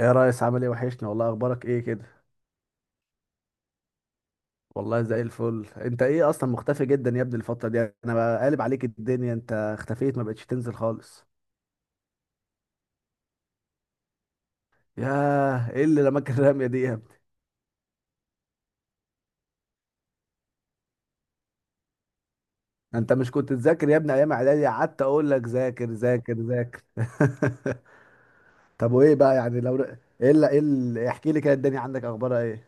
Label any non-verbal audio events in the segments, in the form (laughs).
ايه يا ريس، عامل ايه؟ وحشني والله. اخبارك ايه كده؟ والله زي الفل. انت ايه اصلا مختفي جدا يا ابني؟ الفتره دي انا بقالب عليك الدنيا. انت اختفيت، ما بقتش تنزل خالص. ياه، ايه اللي رماك الرميه دي يا ابني؟ انت مش كنت تذاكر يا ابني ايام اعدادي؟ قعدت اقول لك ذاكر ذاكر ذاكر. (laughs) طب وايه بقى يعني؟ ايه اللي احكي لي كده الدنيا عندك، اخبارها ايه؟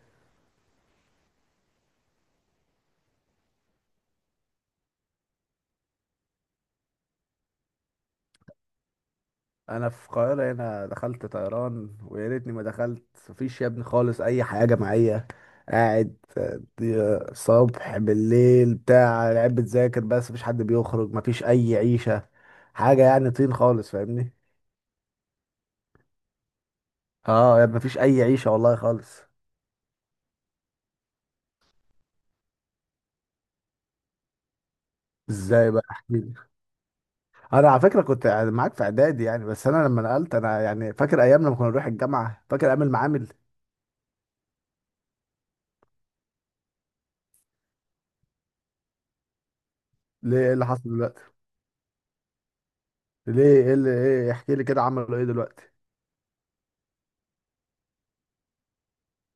انا في القاهره هنا، دخلت طيران ويا ريتني ما دخلت. مفيش يا ابني خالص اي حاجه معايا. قاعد، صبح بالليل بتاع لعب بتذاكر، بس مفيش حد بيخرج، مفيش اي عيشه. حاجه يعني طين خالص، فاهمني؟ اه يا ابني، مفيش اي عيشه والله خالص. ازاي بقى؟ احكيلي. انا على فكره كنت معاك في اعدادي يعني، بس انا لما نقلت، انا يعني فاكر ايام لما كنا نروح الجامعه، فاكر ايام المعامل. ليه؟ ايه اللي حصل دلوقتي؟ ليه؟ ايه احكي لي كده، عملوا ايه دلوقتي؟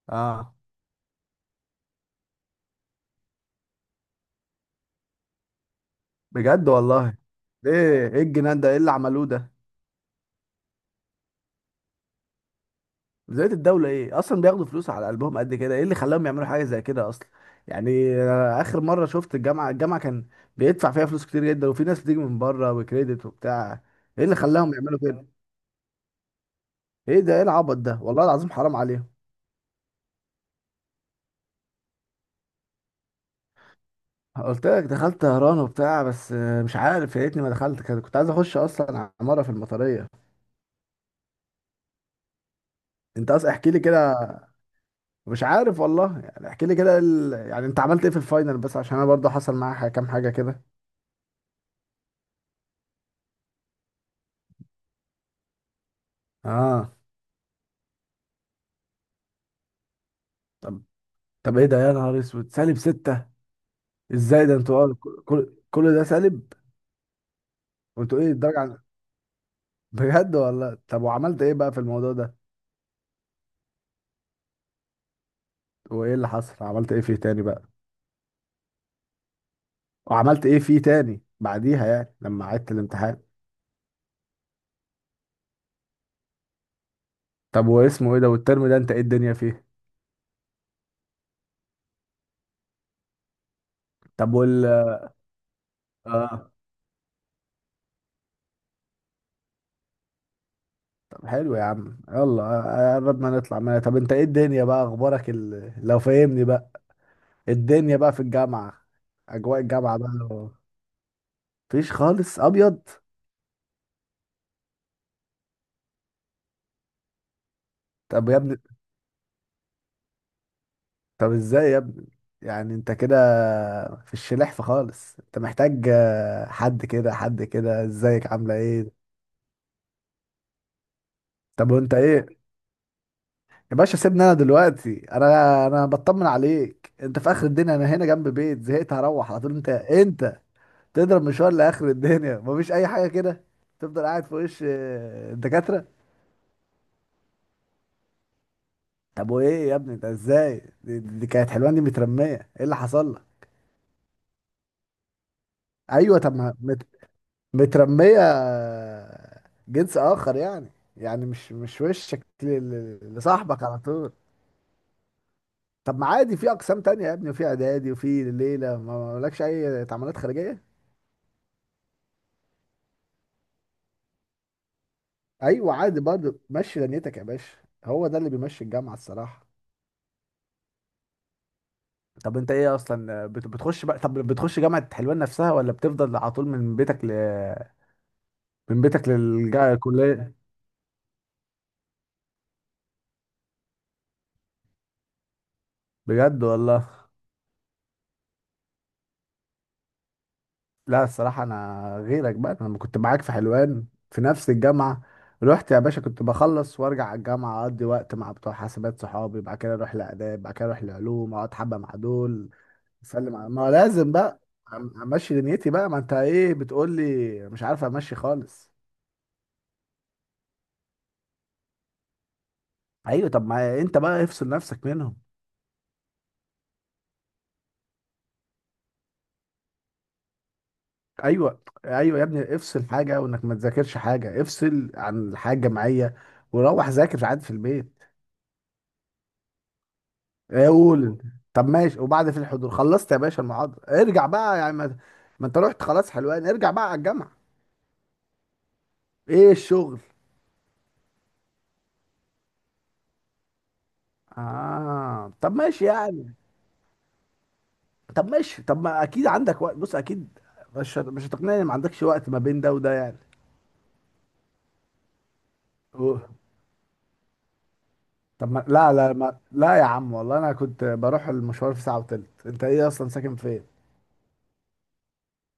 اه. بجد والله؟ ايه الجنان ده، ايه اللي عملوه ده؟ بداية الدولة ايه اصلا؟ بياخدوا فلوس على قلبهم قد كده، ايه اللي خلاهم يعملوا حاجة زي كده اصلا؟ يعني أنا اخر مرة شفت الجامعة كان بيدفع فيها فلوس كتير جدا، وفي ناس بتيجي من بره وكريدت وبتاع. ايه اللي خلاهم يعملوا كده؟ ايه ده؟ ايه العبط ده والله العظيم؟ حرام عليهم. قلت لك دخلت طهران وبتاع، بس مش عارف، يا ريتني ما دخلت كده، كنت عايز اخش اصلا عمارة في المطرية. انت اصلا احكي لي كده. مش عارف والله يعني، احكي لي كده يعني انت عملت ايه في الفاينل؟ بس عشان انا برضه حصل معايا كام حاجه كده. اه. طب. طب ايه ده يا نهار اسود؟ -6؟ ازاي ده؟ انتوا اه كل ده سالب؟ وانتوا ايه الدرجه بجد والله؟ طب وعملت ايه بقى في الموضوع ده؟ وايه اللي حصل؟ عملت ايه فيه تاني بقى؟ وعملت ايه فيه تاني بعديها يعني لما عدت الامتحان؟ طب واسمه ايه ده؟ والترم ده انت ايه الدنيا فيه؟ طب اه. طب حلو يا عم يلا، قرب ما نطلع منها. طب انت ايه الدنيا بقى، اخبارك لو فاهمني بقى. الدنيا بقى في الجامعة. أجواء الجامعة بقى مفيش خالص أبيض. طب يا ابني. طب إزاي يا ابني؟ يعني أنت كده. في الشلحف خالص. أنت محتاج حد كده حد كده، إزيك عاملة إيه؟ طب وأنت إيه؟ يا باشا سيبني. أنا دلوقتي أنا بطمن عليك، أنت في آخر الدنيا، أنا هنا جنب بيت، زهقت هروح على طول. أنت تضرب مشوار لآخر الدنيا مفيش أي حاجة كده. تفضل قاعد في وش الدكاترة. طب وايه يا ابني ده؟ ازاي دي كانت حلوان دي مترميه؟ ايه اللي حصل لها؟ ايوه طب ما مترميه. جنس اخر يعني. يعني مش وشك لصاحبك على طول. طب ما عادي، في اقسام تانية يا ابني، وفي اعدادي، وفي ليله ما لكش اي تعاملات خارجيه. ايوه عادي برضه، مشي دنيتك يا باشا. هو ده اللي بيمشي الجامعه الصراحه. طب انت ايه اصلا بتخش بقى؟ طب بتخش جامعه حلوان نفسها، ولا بتفضل على طول من بيتك من بيتك للكليه؟ بجد والله؟ لا الصراحة أنا غيرك بقى. أنا لما كنت معاك في حلوان في نفس الجامعة، رحت يا باشا كنت بخلص وارجع على الجامعة، أقضي وقت مع بتوع حاسبات صحابي، بعد كده أروح لآداب، بعد كده أروح لعلوم، أقعد حبة مع دول. أسلم على ما لازم بقى. أم- أمشي دنيتي بقى، ما أنت إيه بتقول لي. مش عارف أمشي خالص. أيوة طب ما أنت بقى افصل نفسك منهم. أيوة أيوة يا ابني، افصل حاجة وإنك ما تذاكرش حاجة، افصل عن الحياة الجامعية، وروح ذاكر عادي في البيت. إيه؟ قول انت. طب ماشي، وبعد في الحضور خلصت يا باشا المحاضرة ارجع بقى يعني ما انت رحت خلاص حلوان، ارجع بقى على الجامعة. ايه الشغل؟ اه طب ماشي يعني. طب ماشي، طب ما اكيد عندك وقت، بص اكيد مش هتقنعني ما عندكش وقت ما بين ده وده يعني. أوه. طب ما لا لا ما لا يا عم، والله انا كنت بروح المشوار في ساعة وتلت. انت ايه اصلا ساكن فين؟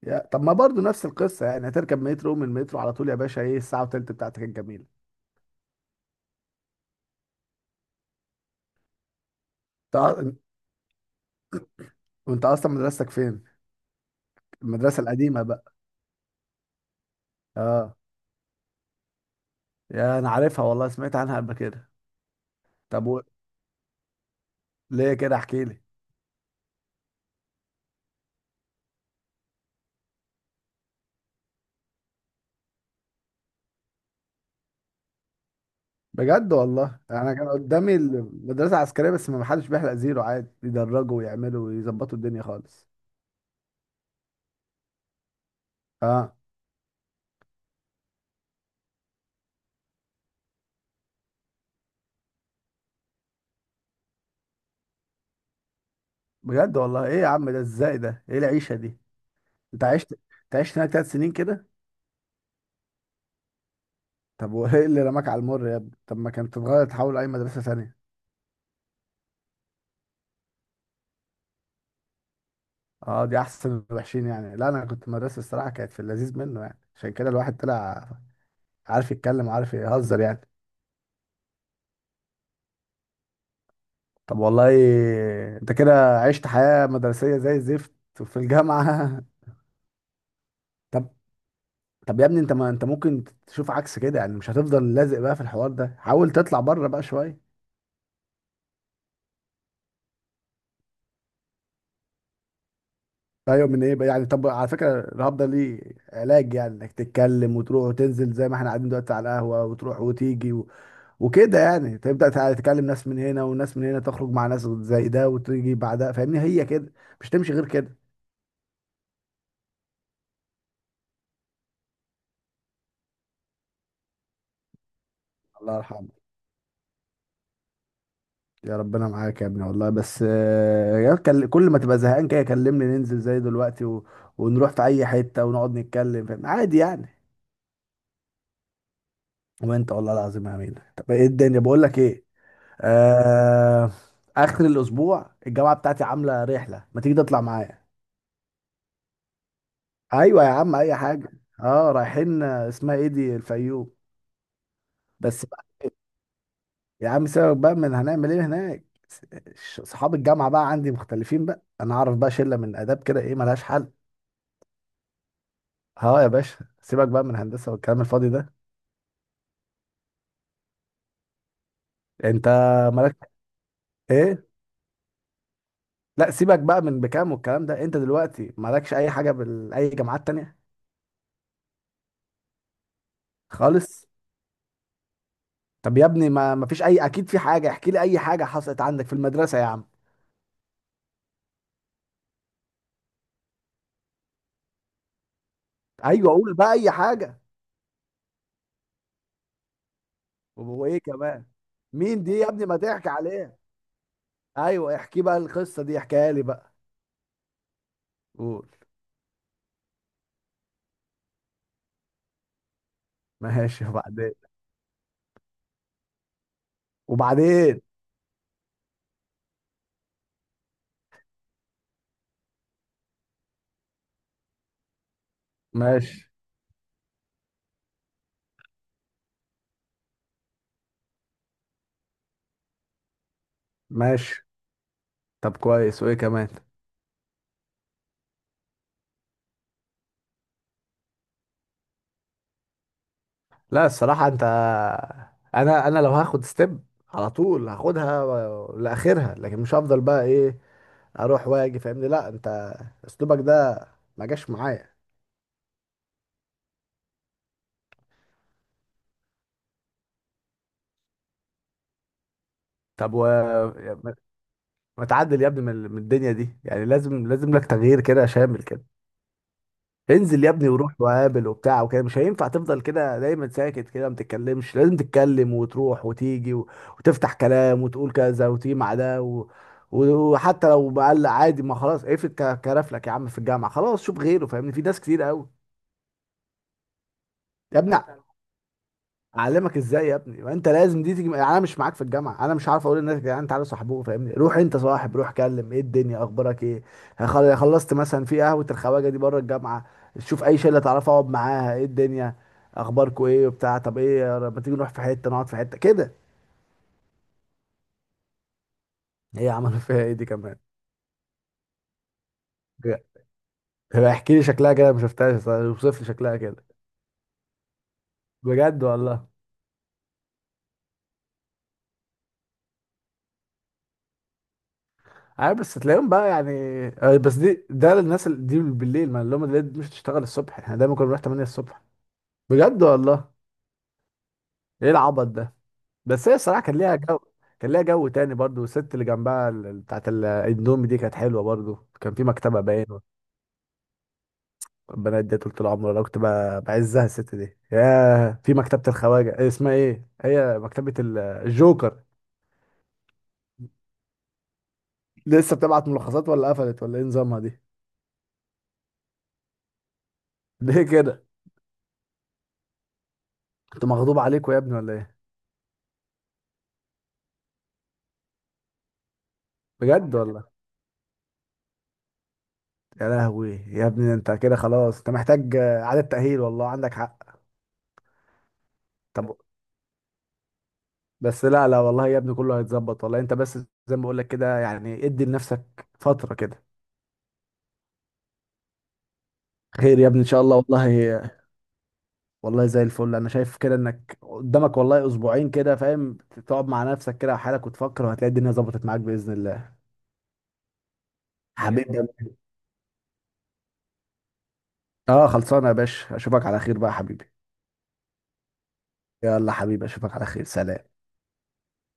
يا طب ما برضو نفس القصة، يعني هتركب مترو من المترو على طول يا باشا، ايه الساعة وتلت بتاعتك الجميلة؟ طب وانت اصلا مدرستك فين؟ المدرسة القديمة بقى؟ اه يا انا عارفها والله، سمعت عنها قبل كده. طب ليه كده؟ احكي لي. بجد والله؟ انا كان قدامي المدرسه عسكريه بس ما حدش بيحلق زيرو، عادي يدرجوا ويعملوا ويظبطوا الدنيا خالص. اه. بجد والله؟ ايه يا عم ده؟ ازاي ده؟ ايه العيشه دي؟ انت عشت. انت عشت هناك 3 سنين كده؟ طب (laughs) وايه اللي رماك على المر يا ابني؟ طب ما كانت تتغير تحول اي مدرسه ثانيه. اه دي احسن وحشين يعني؟ لا انا كنت مدرسه الصراحه كانت في اللذيذ منه، يعني عشان كده الواحد طلع عارف يتكلم وعارف يهزر يعني. طب والله. انت كده عشت حياة مدرسية زي الزفت في الجامعة. (laughs) طب. طب يا ابني، انت ما انت ممكن تشوف عكس كده، يعني مش هتفضل لازق بقى في الحوار ده، حاول تطلع بره بقى شوية. ايوه من ايه بقى يعني؟ طب على فكرة الرهاب ده ليه؟ علاج يعني انك تتكلم وتروح وتنزل زي ما احنا قاعدين دلوقتي على القهوة، وتروح وتيجي وكده يعني تبدأ تكلم ناس من هنا وناس من هنا، تخرج مع ناس زي ده وتيجي بعدها، فاهمني هي كده. مش تمشي غير كده. الله يرحمه. يا ربنا معاك يا ابني والله. بس يا كل كل ما تبقى زهقان كده كلمني ننزل زي دلوقتي ونروح في اي حته ونقعد نتكلم، فاهم؟ عادي يعني. وانت والله العظيم يا امين. طب ايه الدنيا، بقول لك ايه؟ آه... اخر الاسبوع الجامعه بتاعتي عامله رحله، ما تيجي تطلع معايا؟ ايوه يا عم اي حاجه. اه رايحين، اسمها ايه دي، الفيوم. بس بقى. يا عم سيبك بقى من هنعمل ايه هناك. س- صحاب الجامعه بقى عندي مختلفين بقى، انا اعرف بقى شله من اداب كده ايه ملهاش حل. اه يا باشا، سيبك بقى من هندسة والكلام الفاضي ده. انت مالك. ايه؟ لا سيبك بقى من بكام والكلام ده، انت دلوقتي مالكش اي حاجة باي جامعات تانية؟ خالص. طب يا ابني، ما فيش اي، اكيد في حاجة، احكي لي اي حاجة حصلت عندك في المدرسة يا عم. ايوه قول بقى اي حاجة. وايه كمان؟ مين دي يا ابني؟ ما تحكي عليها. ايوه احكي بقى، القصة دي احكيها لي بقى. قول. ماشي وبعدين. وبعدين؟ ماشي. ماشي، طب كويس، وايه كمان؟ لا الصراحة انت، انا لو هاخد ستيب على طول هاخدها لاخرها، لكن مش هفضل بقى ايه اروح واجي فاهمني. لا انت اسلوبك ده ما جاش معايا. طب ما ما تعدل يا ابني من الدنيا دي، يعني لازم لك تغيير كده شامل كده. انزل يا ابني وروح وقابل وبتاع وكده، مش هينفع تفضل كده دايما ساكت كده ما تتكلمش، لازم تتكلم وتروح وتيجي وتفتح كلام وتقول كذا وتيجي مع ده وحتى لو مقلق عادي، ما خلاص اقفل كرفلك يا عم في الجامعه خلاص، شوف غيره فاهمني، في ناس كتير قوي. يا ابني، اعلمك ازاي يا ابني؟ ما انت لازم دي تيجي، انا مش معاك في الجامعه، انا مش عارف اقول للناس يا جدعان تعالوا صاحبوه، فاهمني؟ روح انت صاحب، روح كلم، ايه الدنيا اخبارك ايه؟ خلصت مثلا في قهوه الخواجه دي بره الجامعه، شوف اي شله تعرف اقعد معاها، ايه الدنيا اخباركوا ايه وبتاع، طب ايه لما تيجي نروح في حته نقعد في حته كده. هي عملوا فيها ايه دي كمان؟ هي احكي لي شكلها كده، ما شفتهاش، اوصف لي شكلها كده. بجد والله؟ عارف بس تلاقيهم بقى يعني. بس دي ده للناس دي بالليل، ما اللي هم اللي مش تشتغل الصبح، احنا دايما كنا بنروح 8 الصبح. بجد والله. ايه العبط ده؟ بس هي الصراحه كان ليها جو. كان ليها جو تاني برضو، الست اللي جنبها بتاعت الاندومي دي كانت حلوه برضو، كان في مكتبه باين. البنات دي طول العمر انا كنت بعزها الست دي. ياه، في مكتبه الخواجه إيه اسمها، ايه هي مكتبه الجوكر. لسه بتبعت ملخصات ولا قفلت، ولا ايه نظامها دي؟ (laughs) ليه كده؟ كنت مغضوب عليكوا يا ابني ولا ايه؟ بجد والله. يا لهوي يا ابني، انت كده خلاص، انت محتاج اعاده تاهيل والله عندك حق. طب. بس لا لا والله يا ابني، كله هيتظبط والله. انت بس زي ما بقول لك كده، يعني ادي لنفسك فترة كده. خير يا ابني ان شاء الله والله. والله زي الفل، انا شايف كده انك قدامك والله اسبوعين كده، فاهم؟ تقعد مع نفسك كده وحالك وتفكر، وهتلاقي الدنيا ظبطت معاك باذن الله يا حبيبي. اه خلصانه يا باشا، اشوفك على خير بقى يا حبيبي. يلا حبيبي، اشوفك على خير. سلام.